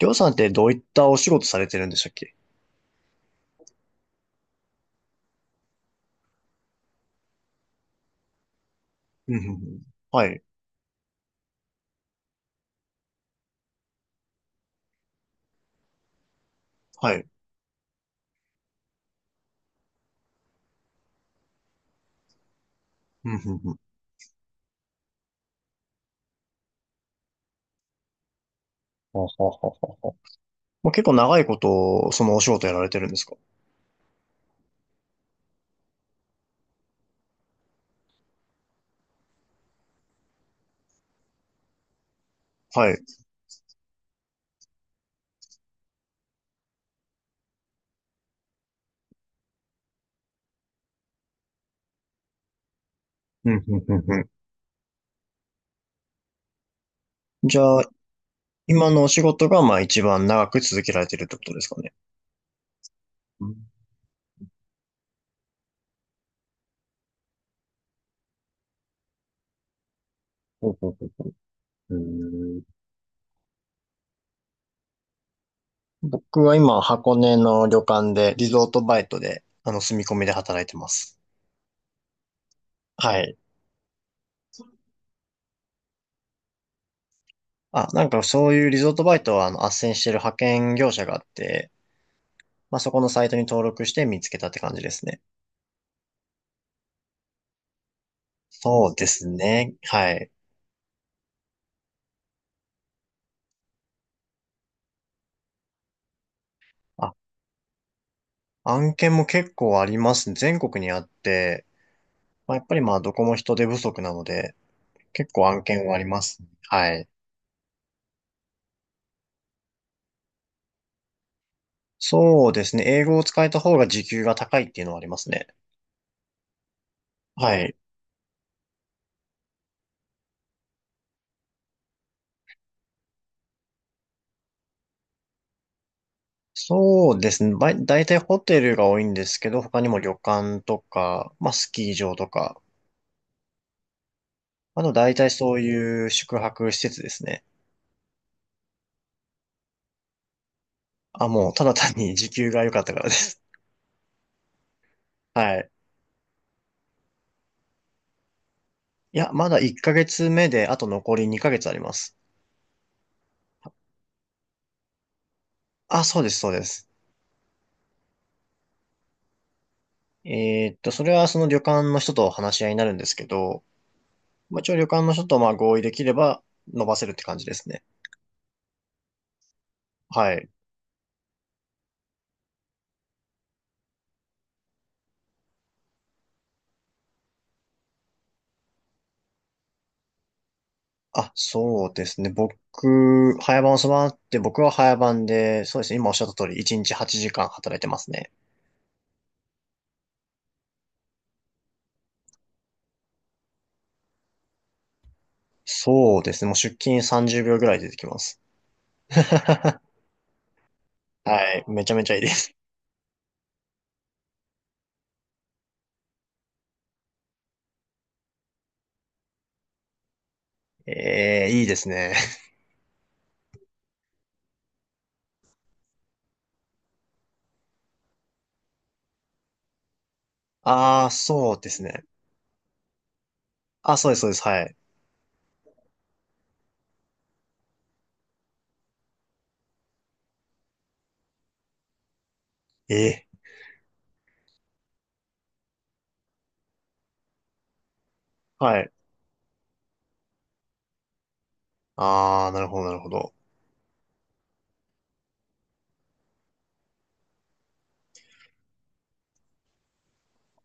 りょうさんってどういったお仕事されてるんでしたっけ？うんうんうん。はい、はい。うんうんうん。ははははは。もう結構長いこと、そのお仕事やられてるんですか？はい。うんうんうんうん。じゃあ、今のお仕事が、まあ一番長く続けられてるってことですかね。うん。ほうほうほう。うーん。僕は今、箱根の旅館で、リゾートバイトで、住み込みで働いてます。はい。あ、なんかそういうリゾートバイトは、斡旋してる派遣業者があって、まあそこのサイトに登録して見つけたって感じですね。そうですね。はい。あ、案件も結構ありますね、全国にあって、まあ、やっぱりまあどこも人手不足なので、結構案件はありますね。はい。そうですね。英語を使えた方が時給が高いっていうのはありますね。はい。そうですね。ばい、大体ホテルが多いんですけど、他にも旅館とか、まあスキー場とか、あと大体そういう宿泊施設ですね。あ、もうただ単に時給が良かったからです。はい。いや、まだ1ヶ月目で、あと残り2ヶ月あります。あ、そうです、そうです。それはその旅館の人と話し合いになるんですけど、まあ、一応旅館の人とまあ合意できれば伸ばせるって感じですね。はい。あ、そうですね。僕、早番を備わって、僕は早番で、そうですね。今おっしゃった通り、1日8時間働いてますね。そうですね。もう出勤30秒ぐらいで出てきます。はい。めちゃめちゃいいです。ええ、いいですね。ああ、そうですね。あ、そうです、そうです。はい。ええ、はい。ああ、なるほど、なるほど。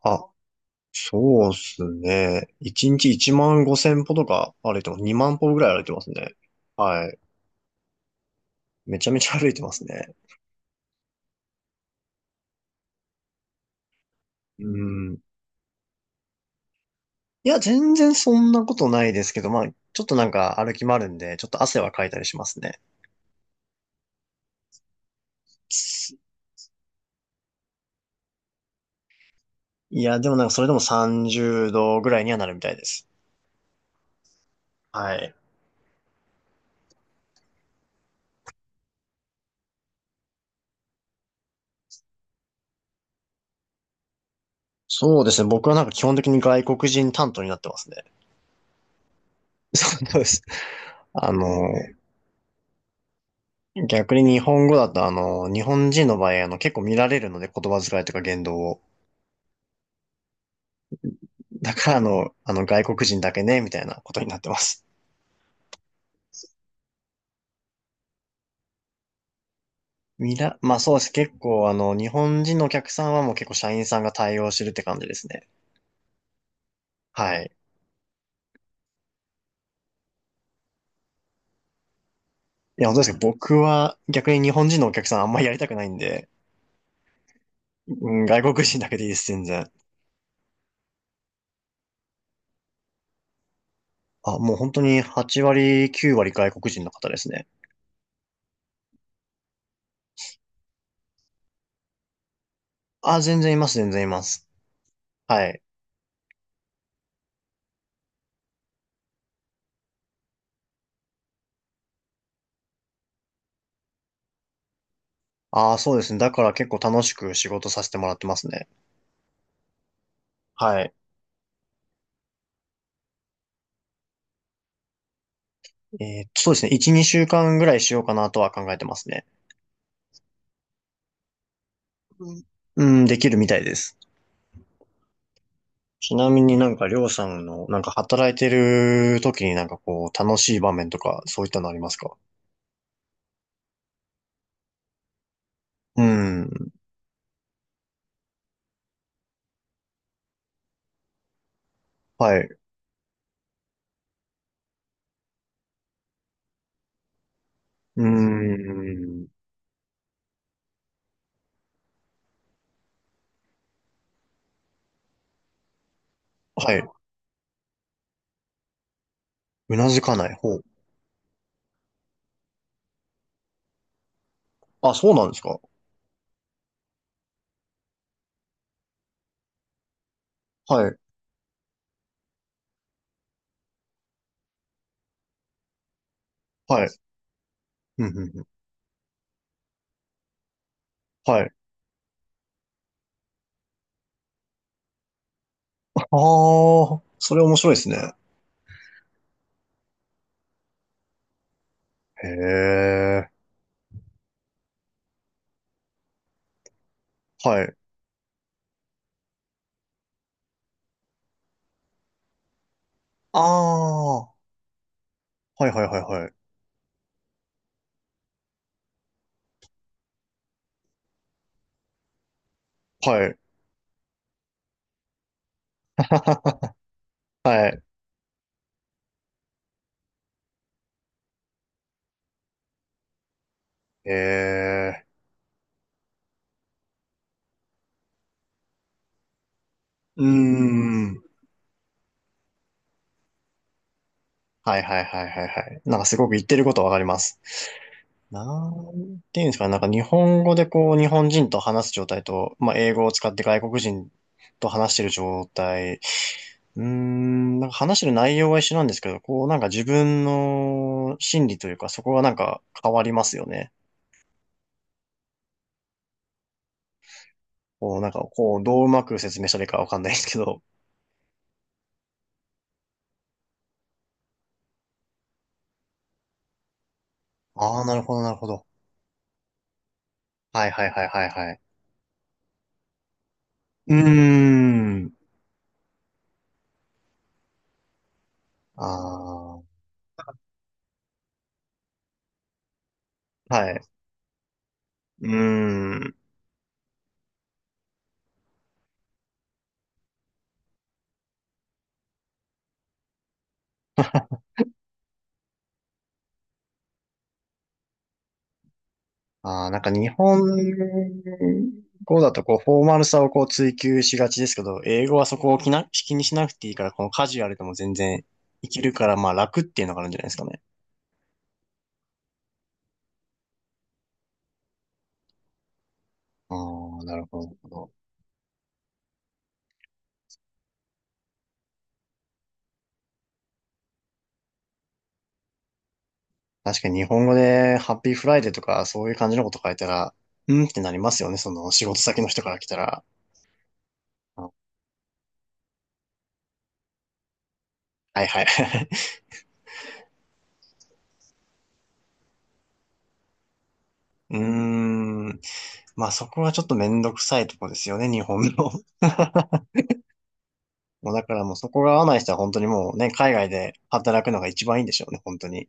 あ、そうっすね。1日1万5千歩とか歩いてます。2万歩ぐらい歩いてますね。はい。めちゃめちゃ歩いてますね。うん。いや、全然そんなことないですけど、まあ、ちょっとなんか歩き回るんで、ちょっと汗はかいたりしますね。いや、でもなんかそれでも30度ぐらいにはなるみたいです。はい。そうですね。僕はなんか基本的に外国人担当になってますね。そうです。あの、逆に日本語だと日本人の場合、結構見られるので、言葉遣いとか言動を。だから外国人だけね、みたいなことになってます。まあそうです。結構日本人のお客さんはもう結構社員さんが対応してるって感じですね。はい。いや、本当ですけど、僕は逆に日本人のお客さんあんまりやりたくないんで、うん、外国人だけでいいです、全然。あ、もう本当に8割、9割外国人の方ですね。あ、全然います、全然います。はい。あ、そうですね。だから結構楽しく仕事させてもらってますね。はい。そうですね。1、2週間ぐらいしようかなとは考えてますね。うん、できるみたいです。ちなみになんか、りょうさんの、なんか働いてる時になんかこう、楽しい場面とか、そういったのありますか？うん、はい。うーん、はい。うなずかない方。あ、そうなんですか？はい、はい。うん、うん、うん。はい。ああ、それ面白いですね。へえ、はい。ああ、はい、はい、はい、はい。はい、はい。へえ、うーん。はい、はい、はい、はい、はい。なんかすごく言ってることわかります。なんていうんですかね、なんか日本語でこう、日本人と話す状態と、まあ、英語を使って外国人と話してる状態。うーん、なんか話してる内容は一緒なんですけど、こう、なんか自分の心理というか、そこがなんか変わりますよね。こう、なんか、こう、どううまく説明したらいいかわかんないですけど。ああ、なるほど、なるほど。はいはいはいはいはい。うーん。ああ、はい。うーん。ああ、なんか日本語だとこう、フォーマルさをこう追求しがちですけど、英語はそこを気にしなくていいから、このカジュアルでも全然いけるから、まあ楽っていうのがあるんじゃないですかね。ああ、なるほど。確かに日本語でハッピーフライデーとかそういう感じのこと書いたら、うんってなりますよね。その仕事先の人から来たら。あ、はいはい。うーん。まあそこはちょっとめんどくさいとこですよね、日本の。もうだからもうそこが合わない人は本当にもうね、海外で働くのが一番いいんでしょうね、本当に。